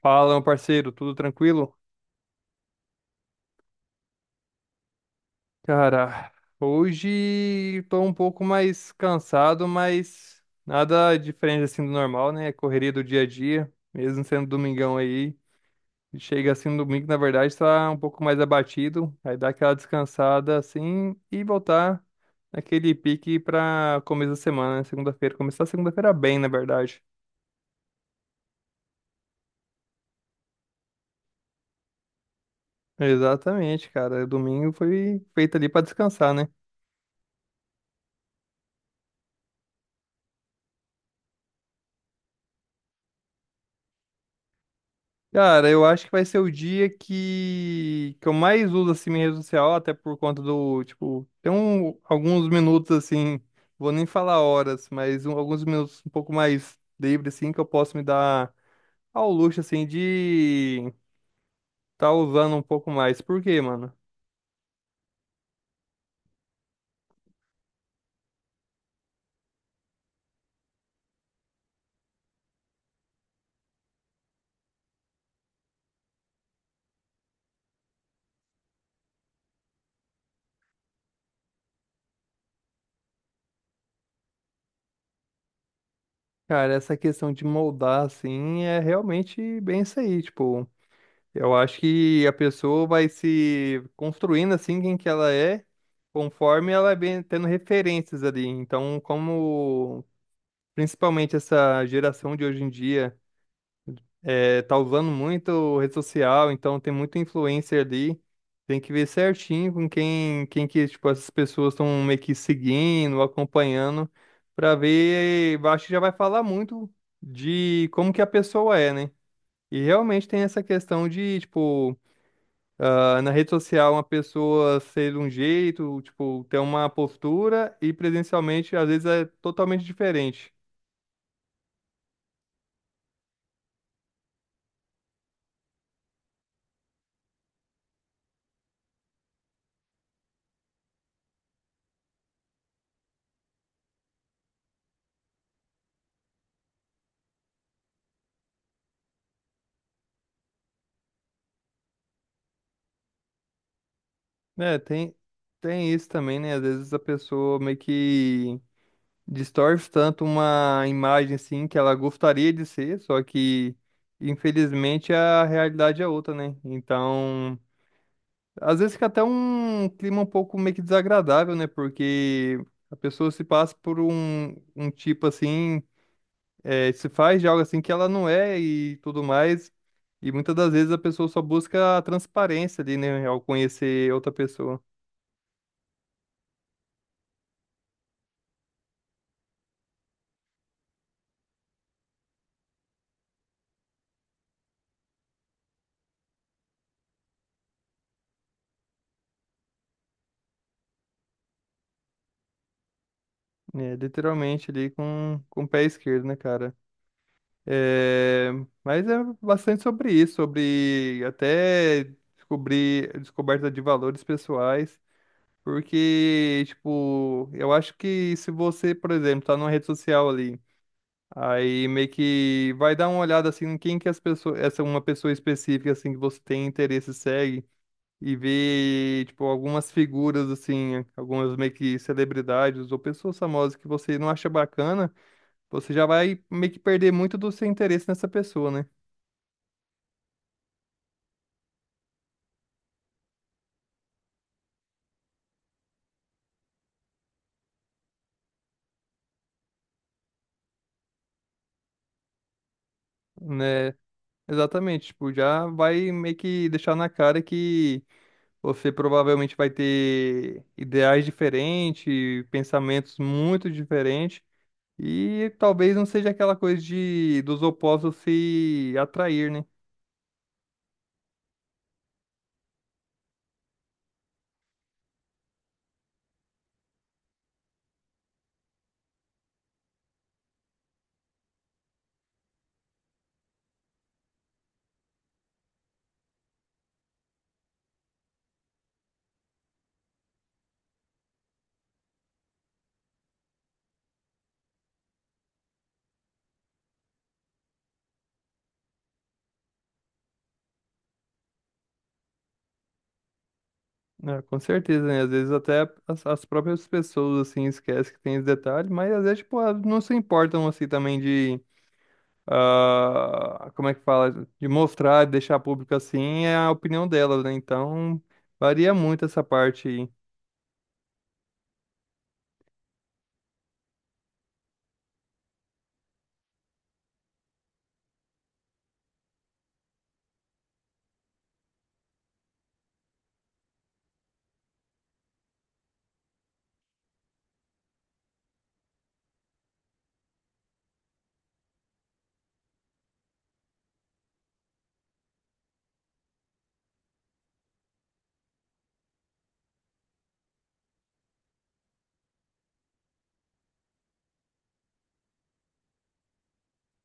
Fala, meu parceiro, tudo tranquilo? Cara, hoje tô um pouco mais cansado, mas nada diferente assim do normal, né? Correria do dia a dia, mesmo sendo domingão aí. Chega assim no domingo, na verdade, tá um pouco mais abatido. Aí dá aquela descansada assim e voltar naquele pique pra começo da semana, né? Segunda-feira. Começar a segunda-feira bem, na verdade. Exatamente, cara. Domingo foi feito ali pra descansar, né? Cara, eu acho que vai ser o dia que eu mais uso assim minha rede social, até por conta do, tipo, tem alguns minutos assim, vou nem falar horas, mas alguns minutos um pouco mais livre assim que eu posso me dar ao luxo assim de tá usando um pouco mais. Por quê, mano? Cara, essa questão de moldar assim é realmente bem isso aí, tipo, eu acho que a pessoa vai se construindo assim quem que ela é, conforme ela vem tendo referências ali. Então, como principalmente essa geração de hoje em dia tá usando muito rede social, então tem muito influencer ali, tem que ver certinho com quem que tipo, essas pessoas estão meio que seguindo, acompanhando, para ver, eu acho que já vai falar muito de como que a pessoa é, né? E realmente tem essa questão de, tipo, ah, na rede social, uma pessoa ser de um jeito, tipo, ter uma postura e presencialmente, às vezes, é totalmente diferente. Né, tem isso também, né? Às vezes a pessoa meio que distorce tanto uma imagem, assim, que ela gostaria de ser, só que, infelizmente, a realidade é outra, né? Então, às vezes fica até um clima um pouco meio que desagradável, né? Porque a pessoa se passa por um tipo, assim, é, se faz de algo assim que ela não é e tudo mais. E muitas das vezes a pessoa só busca a transparência ali, né, ao conhecer outra pessoa. É, literalmente ali com o pé esquerdo, né, cara? É, mas é bastante sobre isso, sobre até descobrir descoberta de valores pessoais. Porque, tipo, eu acho que se você, por exemplo, tá numa rede social ali. Aí meio que vai dar uma olhada assim em quem que as pessoas, essa uma pessoa específica assim que você tem interesse segue e ver tipo algumas figuras assim, algumas meio que celebridades ou pessoas famosas que você não acha bacana, você já vai meio que perder muito do seu interesse nessa pessoa, né? Né? Exatamente, tipo, já vai meio que deixar na cara que você provavelmente vai ter ideais diferentes, pensamentos muito diferentes. E talvez não seja aquela coisa de dos opostos se atrair, né? É, com certeza, né? Às vezes até as próprias pessoas, assim, esquecem que tem esse detalhe, mas às vezes, tipo, elas não se importam, assim, também de... Ah, como é que fala? De mostrar, de deixar público, assim, é a opinião delas, né? Então, varia muito essa parte aí.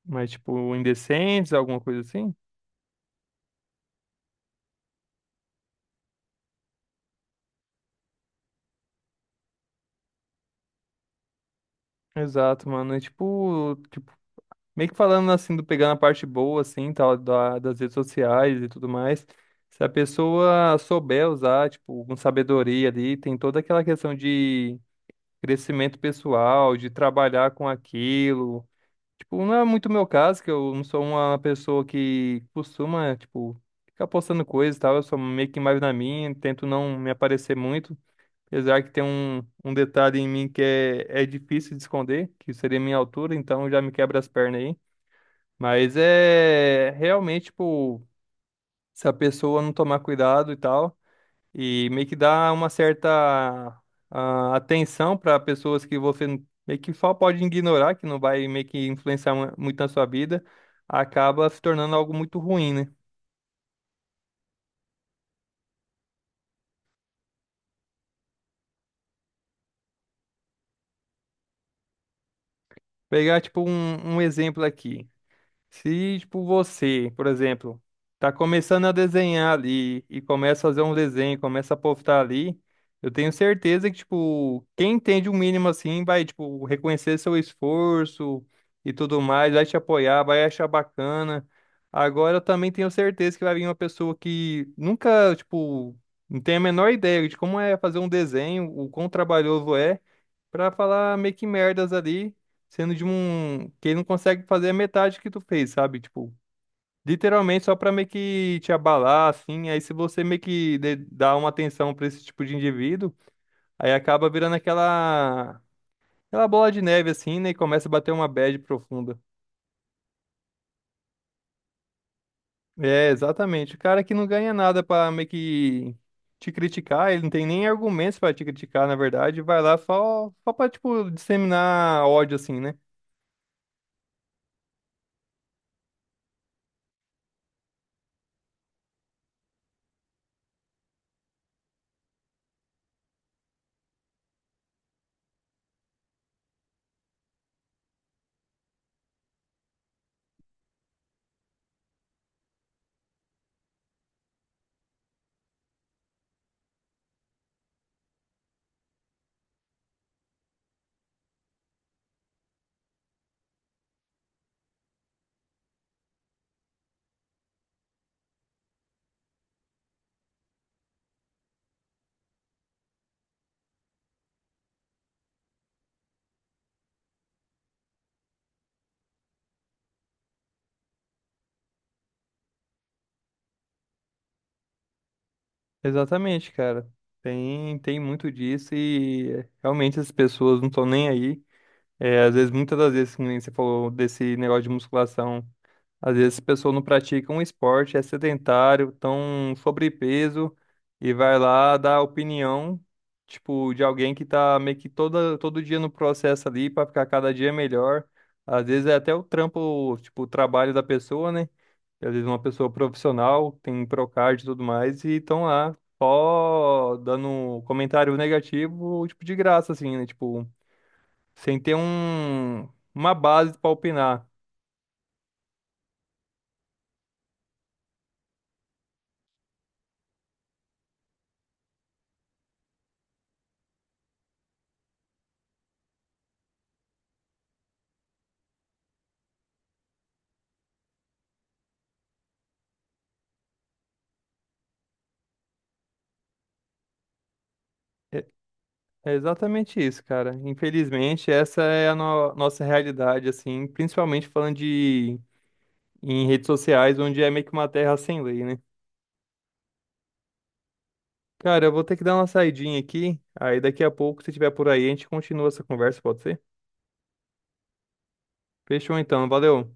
Mas, tipo, indecentes, alguma coisa assim? Exato, mano. É tipo, meio que falando assim, do pegando a parte boa, assim, tal, das redes sociais e tudo mais. Se a pessoa souber usar, tipo, com sabedoria ali, tem toda aquela questão de crescimento pessoal, de trabalhar com aquilo. Tipo, não é muito meu caso, que eu não sou uma pessoa que costuma, tipo, ficar postando coisas e tal. Eu sou meio que mais na minha, tento não me aparecer muito. Apesar que tem um detalhe em mim que é difícil de esconder, que seria a minha altura, então já me quebra as pernas aí. Mas é realmente, tipo, se a pessoa não tomar cuidado e tal, e meio que dá uma certa ah, atenção para pessoas que meio que só pode ignorar, que não vai meio que influenciar muito na sua vida, acaba se tornando algo muito ruim, né? Pegar, tipo, um exemplo aqui. Se, tipo, você, por exemplo, tá começando a desenhar ali e começa a fazer um desenho, começa a postar ali, eu tenho certeza que, tipo, quem entende o mínimo assim vai, tipo, reconhecer seu esforço e tudo mais, vai te apoiar, vai achar bacana. Agora eu também tenho certeza que vai vir uma pessoa que nunca, tipo, não tem a menor ideia de como é fazer um desenho, o quão trabalhoso é pra falar meio que merdas ali, sendo de um que ele não consegue fazer a metade que tu fez, sabe? Tipo, literalmente só pra meio que te abalar, assim. Aí se você meio que dá uma atenção pra esse tipo de indivíduo, aí acaba virando aquela bola de neve assim, né? E começa a bater uma bad profunda. É, exatamente. O cara que não ganha nada pra meio que te criticar, ele não tem nem argumentos pra te criticar, na verdade, vai lá só pra, tipo, disseminar ódio, assim, né? Exatamente, cara. Tem muito disso e realmente as pessoas não estão nem aí. É, às vezes, muitas das vezes, que nem você falou desse negócio de musculação, às vezes as pessoas não praticam um esporte, é sedentário, estão sobrepeso e vai lá dar opinião, tipo, de alguém que tá meio que todo dia no processo ali para ficar cada dia melhor. Às vezes é até o trampo, tipo, o trabalho da pessoa, né? E às vezes uma pessoa profissional, tem um Procard e tudo mais, e estão lá só dando um comentário negativo, tipo, de graça, assim, né? Tipo, sem ter uma base para opinar. É, é exatamente isso, cara. Infelizmente, essa é a nossa realidade, assim, principalmente falando de em redes sociais, onde é meio que uma terra sem lei, né? Cara, eu vou ter que dar uma saidinha aqui, aí daqui a pouco, se tiver por aí, a gente continua essa conversa, pode ser? Fechou então, valeu.